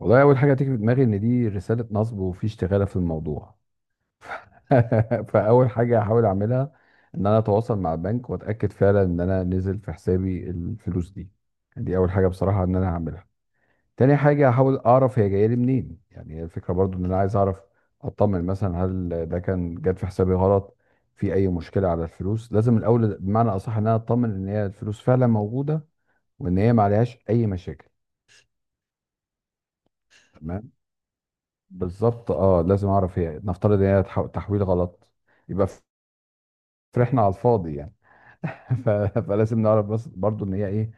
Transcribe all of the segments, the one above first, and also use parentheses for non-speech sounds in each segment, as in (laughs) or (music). والله اول حاجه هتيجي في دماغي ان دي رساله نصب وفي اشتغاله في الموضوع. (laughs) فاول حاجه هحاول اعملها ان انا اتواصل مع البنك واتاكد فعلا ان انا نزل في حسابي الفلوس دي. دي اول حاجه بصراحه ان انا هعملها. تاني حاجه هحاول اعرف هي جايه لي منين، يعني هي الفكره، برضو ان انا عايز اعرف اطمن. مثلا هل ده كان جت في حسابي غلط، في اي مشكله على الفلوس؟ لازم الاول بمعنى اصح ان انا اطمن ان هي الفلوس فعلا موجوده، وان هي ما عليهاش اي مشاكل. بالظبط اه، لازم اعرف هي، نفترض ان هي تحويل غلط، يبقى فرحنا على الفاضي يعني. (laughs) ف... فلازم نعرف بس برضو ان هي ايه.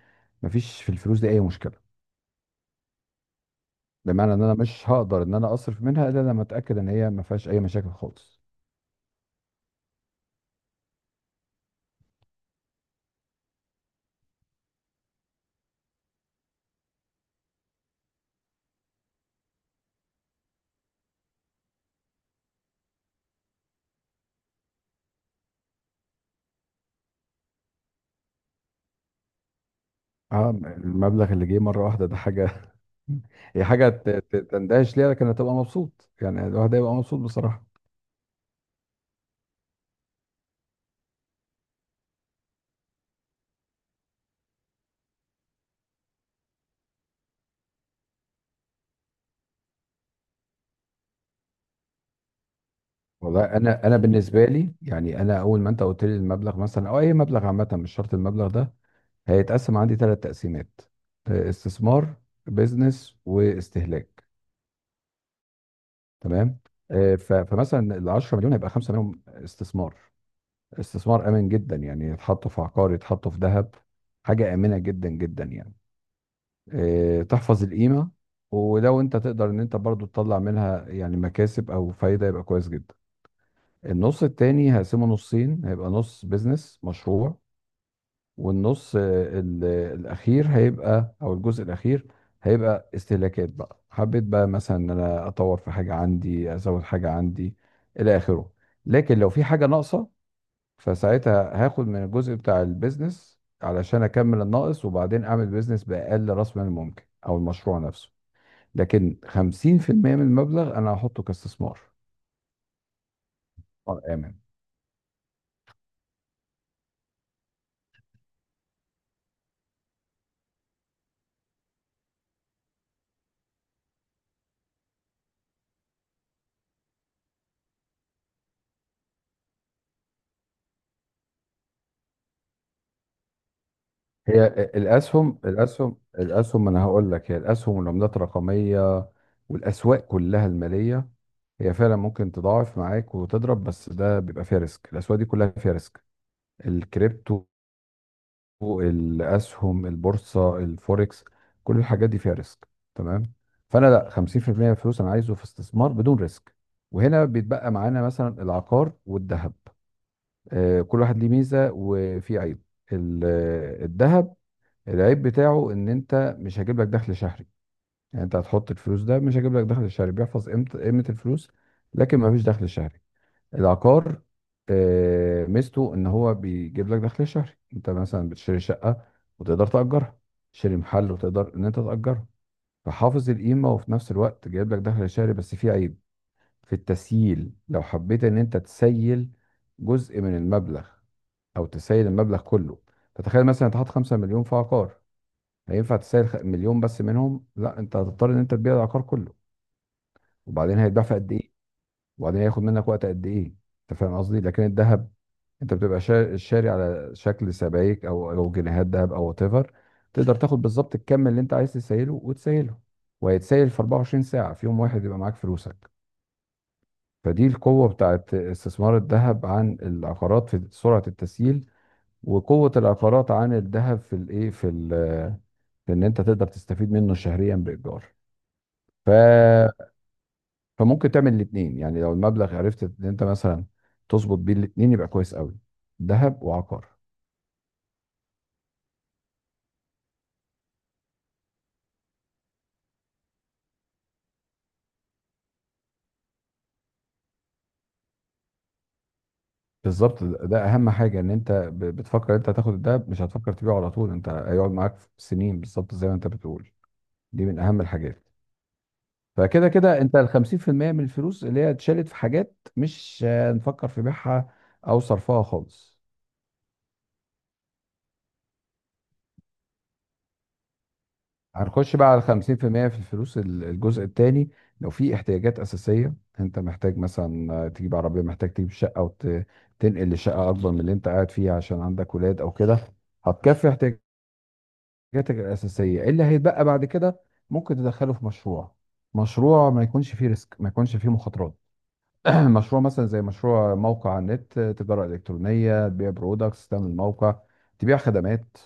مفيش في الفلوس دي اي مشكله، بمعنى ان انا مش هقدر ان انا اصرف منها الا لما اتاكد ان هي ما فيهاش اي مشاكل خالص. اه، المبلغ اللي جه مره واحده ده حاجه. (laughs) هي حاجه تندهش ليها، لكن هتبقى مبسوط، يعني الواحد هيبقى مبسوط بصراحه. والله انا بالنسبه لي، يعني انا اول ما انت قلت لي المبلغ مثلا او اي مبلغ عامه، مش شرط المبلغ ده، هيتقسم عندي ثلاث تقسيمات. استثمار، بيزنس، واستهلاك. تمام. فمثلا ال 10 مليون هيبقى 5 منهم استثمار. استثمار امن جدا، يعني يتحطوا في عقار، يتحطوا في ذهب. حاجه امنه جدا جدا يعني. تحفظ القيمه. ولو انت تقدر ان انت برضو تطلع منها يعني مكاسب او فايده يبقى كويس جدا. النص التاني هقسمه نصين، هيبقى نص بيزنس مشروع. والنص ال- الاخير هيبقى، او الجزء الاخير هيبقى استهلاكات. بقى حبيت بقى مثلا ان انا اطور في حاجه عندي، ازود حاجه عندي، الى اخره. لكن لو في حاجه ناقصه، فساعتها هاخد من الجزء بتاع البيزنس علشان اكمل الناقص، وبعدين اعمل بيزنس باقل راس مال ممكن او المشروع نفسه. لكن 50% من المبلغ انا هحطه كاستثمار امن. هي الاسهم، ما انا هقول لك، هي الاسهم والعملات الرقميه والاسواق كلها الماليه. هي فعلا ممكن تضاعف معاك وتضرب، بس ده بيبقى فيها ريسك. الاسواق دي كلها فيها ريسك. الكريبتو، الاسهم، البورصه، الفوركس، كل الحاجات دي فيها ريسك. تمام. فانا لا، 50% من الفلوس انا عايزه في استثمار بدون ريسك. وهنا بيتبقى معانا مثلا العقار والذهب. كل واحد ليه ميزه وفي عيب. ال- الذهب العيب بتاعه ان انت مش هجيب لك دخل شهري، يعني انت هتحط الفلوس ده مش هجيب لك دخل شهري، بيحفظ قيمه الفلوس. لكن ما فيش دخل شهري. العقار ميزته ان هو بيجيب لك دخل شهري. انت مثلا بتشتري شقه وتقدر تاجرها، تشتري محل وتقدر ان انت تاجره، فحافظ القيمه وفي نفس الوقت جايب لك دخل شهري. بس في عيب في التسييل. لو حبيت ان انت تسيل جزء من المبلغ او تسيل المبلغ كله، فتخيل مثلا انت حاطط 5 مليون في عقار، هينفع تسال مليون بس منهم؟ لا، انت هتضطر ان انت تبيع العقار كله، وبعدين هيتباع في قد ايه، وبعدين هياخد منك وقت قد ايه؟ انت فاهم قصدي. لكن الذهب انت بتبقى شاري على شكل سبائك، او جنيهات ذهب او وات ايفر. تقدر تاخد بالظبط الكم اللي انت عايز تسيله وتسيله، وهيتسيل في 24 ساعه، في يوم واحد يبقى معاك فلوسك. فدي القوه بتاعت استثمار الذهب عن العقارات في سرعه التسييل. وقوه العقارات عن الذهب في الايه، في ان انت تقدر تستفيد منه شهريا بايجار. ف... فممكن تعمل الاثنين، يعني لو المبلغ عرفت ان انت مثلا تظبط بيه الاثنين يبقى كويس قوي، ذهب وعقار. بالظبط، ده اهم حاجه، ان انت بتفكر انت هتاخد الذهب مش هتفكر تبيعه على طول، انت هيقعد معاك سنين بالظبط زي ما انت بتقول. دي من اهم الحاجات. فكده كده انت ال 50% من الفلوس اللي هي اتشالت في حاجات مش هنفكر في بيعها او صرفها خالص. هنخش بقى على 50% في المية في الفلوس، الجزء الثاني. لو في احتياجات أساسية انت محتاج مثلا تجيب عربية، محتاج تجيب شقة وتنقل لشقة أكبر من اللي انت قاعد فيها عشان عندك ولاد أو كده، هتكفي احتياجاتك الأساسية. اللي هيتبقى بعد كده ممكن تدخله في مشروع. مشروع ما يكونش فيه ريسك، ما يكونش فيه مخاطرات. (clears throat) مشروع مثلا زي مشروع موقع على النت، تجارة إلكترونية، تبيع برودكتس، تعمل موقع تبيع خدمات.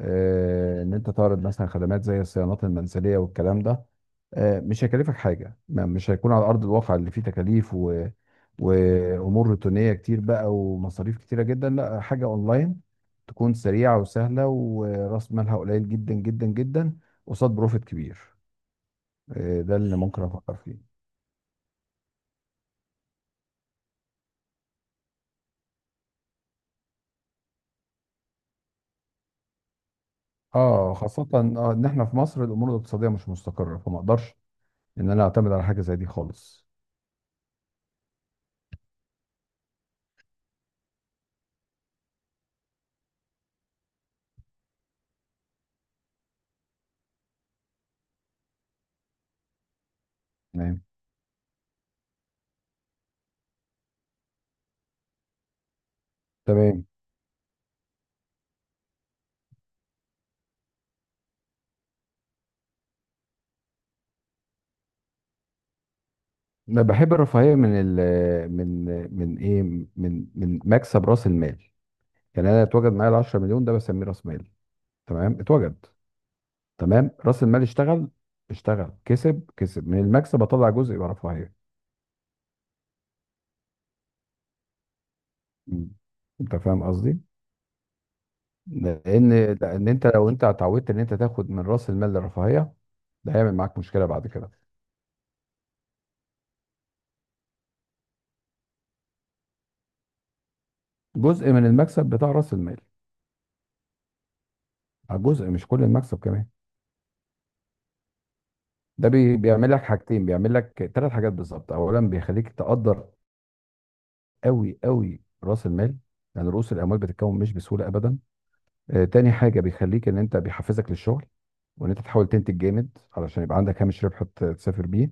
ان انت تعرض مثلا خدمات زي الصيانات المنزليه والكلام ده. مش هيكلفك حاجه، مش هيكون على ارض الواقع اللي فيه تكاليف وامور روتينيه كتير بقى ومصاريف كتيره جدا. لا، حاجه اونلاين تكون سريعه وسهله وراس مالها قليل جدا جدا جدا قصاد بروفيت كبير. ده اللي ممكن افكر فيه. اه، خاصه ان احنا في مصر الامور الاقتصاديه مش مستقره، فما اقدرش ان انا اعتمد على حاجه زي دي خالص. تمام. تمام. انا بحب الرفاهيه من ال من من ايه من من مكسب راس المال. يعني انا اتوجد معايا ال 10 مليون ده بسميه راس مال. تمام، اتوجد. تمام، راس المال اشتغل، اشتغل، كسب، كسب من المكسب، اطلع جزء يبقى رفاهيه. مم. انت فاهم قصدي؟ لان لان انت لو انت اتعودت ان انت تاخد من راس المال للرفاهيه، ده هيعمل معاك مشكله بعد كده. جزء من المكسب بتاع راس المال. جزء مش كل المكسب كمان. ده بيعمل لك حاجتين، بيعمل لك ثلاث حاجات بالظبط. اولا، بيخليك تقدر قوي قوي راس المال، يعني رؤوس الاموال بتتكون مش بسهوله ابدا. تاني حاجه، بيخليك ان انت بيحفزك للشغل، وان انت تحاول تنتج جامد علشان يبقى عندك هامش ربح تسافر بيه.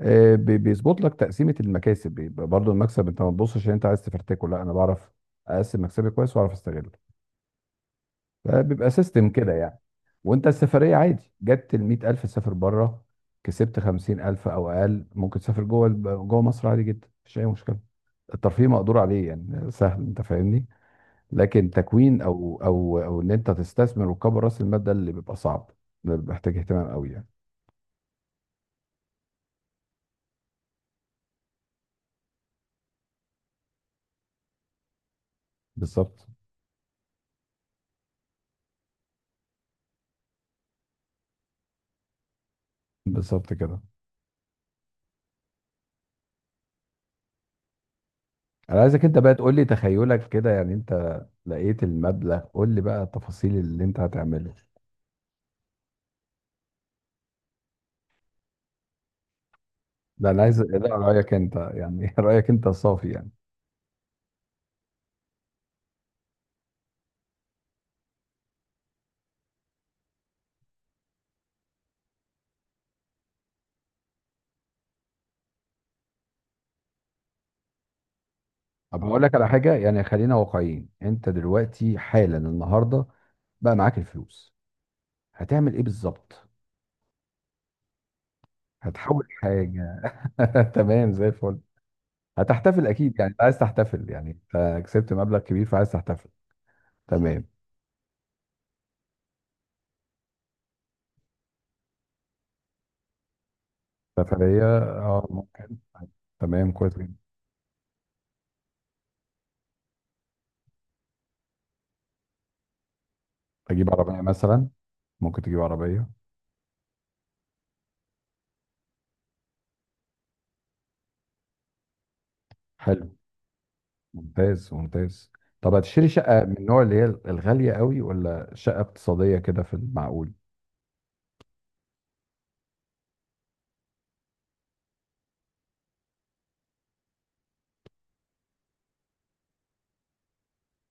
بيظبط لك تقسيمه المكاسب، بيبقى برضو المكسب انت ما تبصش ان انت عايز تفرتكه، لا، انا بعرف اقسم مكسبي كويس واعرف استغله. فبيبقى سيستم كده يعني. وانت السفريه عادي جت ال 100,000 تسافر بره. كسبت 50,000 او اقل ممكن تسافر جوه جوه مصر عادي جدا، مفيش اي مشكله. الترفيه مقدور عليه، يعني سهل. انت فاهمني؟ لكن تكوين او ان انت تستثمر وتكبر راس المال، ده اللي بيبقى صعب. ده بيبقى محتاج اهتمام قوي يعني. بالظبط. بالظبط كده. انا عايزك انت بقى تقول لي، تخيلك كده يعني انت لقيت المبلغ، قول لي بقى التفاصيل اللي انت هتعمله. لا، انا عايز، لا، رايك انت يعني. (laughs) رايك انت صافي يعني. طب هقول لك على حاجه، يعني خلينا واقعيين، انت دلوقتي حالا النهارده بقى معاك الفلوس، هتعمل ايه بالظبط؟ هتحول حاجه. (laughs) تمام زي الفل. هتحتفل اكيد، يعني انت عايز تحتفل، يعني انت كسبت مبلغ كبير فعايز تحتفل. تمام. سفريه اه ممكن. تمام، كويس جدا. تجيب عربيه مثلا، ممكن تجيب عربيه. حلو. ممتاز، ممتاز. طب هتشتري شقه من النوع اللي هي الغاليه قوي، ولا شقه اقتصاديه كده في المعقول؟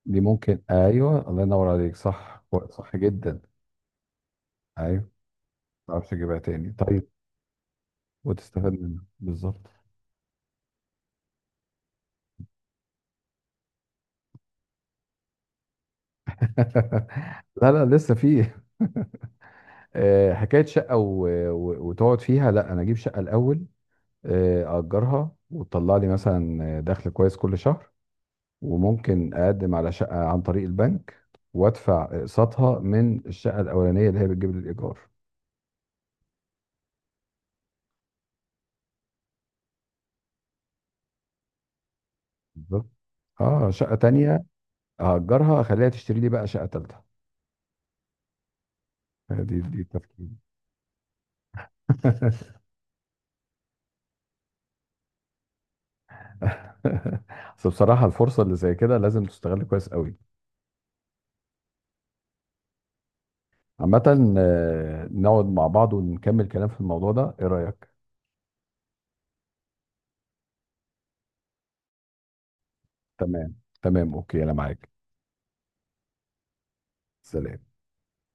دي ممكن، ايوه، الله ينور عليك، صح. صح جدا. ايوه. ما تعرفش تجيبها تاني، طيب. وتستفاد منها بالظبط. (laughs) لا، لا، لسه فيه. (laughs) حكايه شقه وتقعد فيها، لا، انا اجيب شقه الاول، اجرها وتطلع لي مثلا دخل كويس كل شهر، وممكن اقدم على شقه عن طريق البنك وادفع اقساطها من الشقه الاولانيه اللي هي بتجيب لي الايجار. بالظبط، اه، شقه تانية هاجرها اخليها تشتري لي بقى شقه تالتة. دي التفكير. (laughs) بس بصراحه، الفرصه اللي زي كده لازم تستغل كويس قوي. عامه، نقعد مع بعض ونكمل كلام في الموضوع ده، ايه رايك؟ تمام. تمام، اوكي، انا معاك. سلام.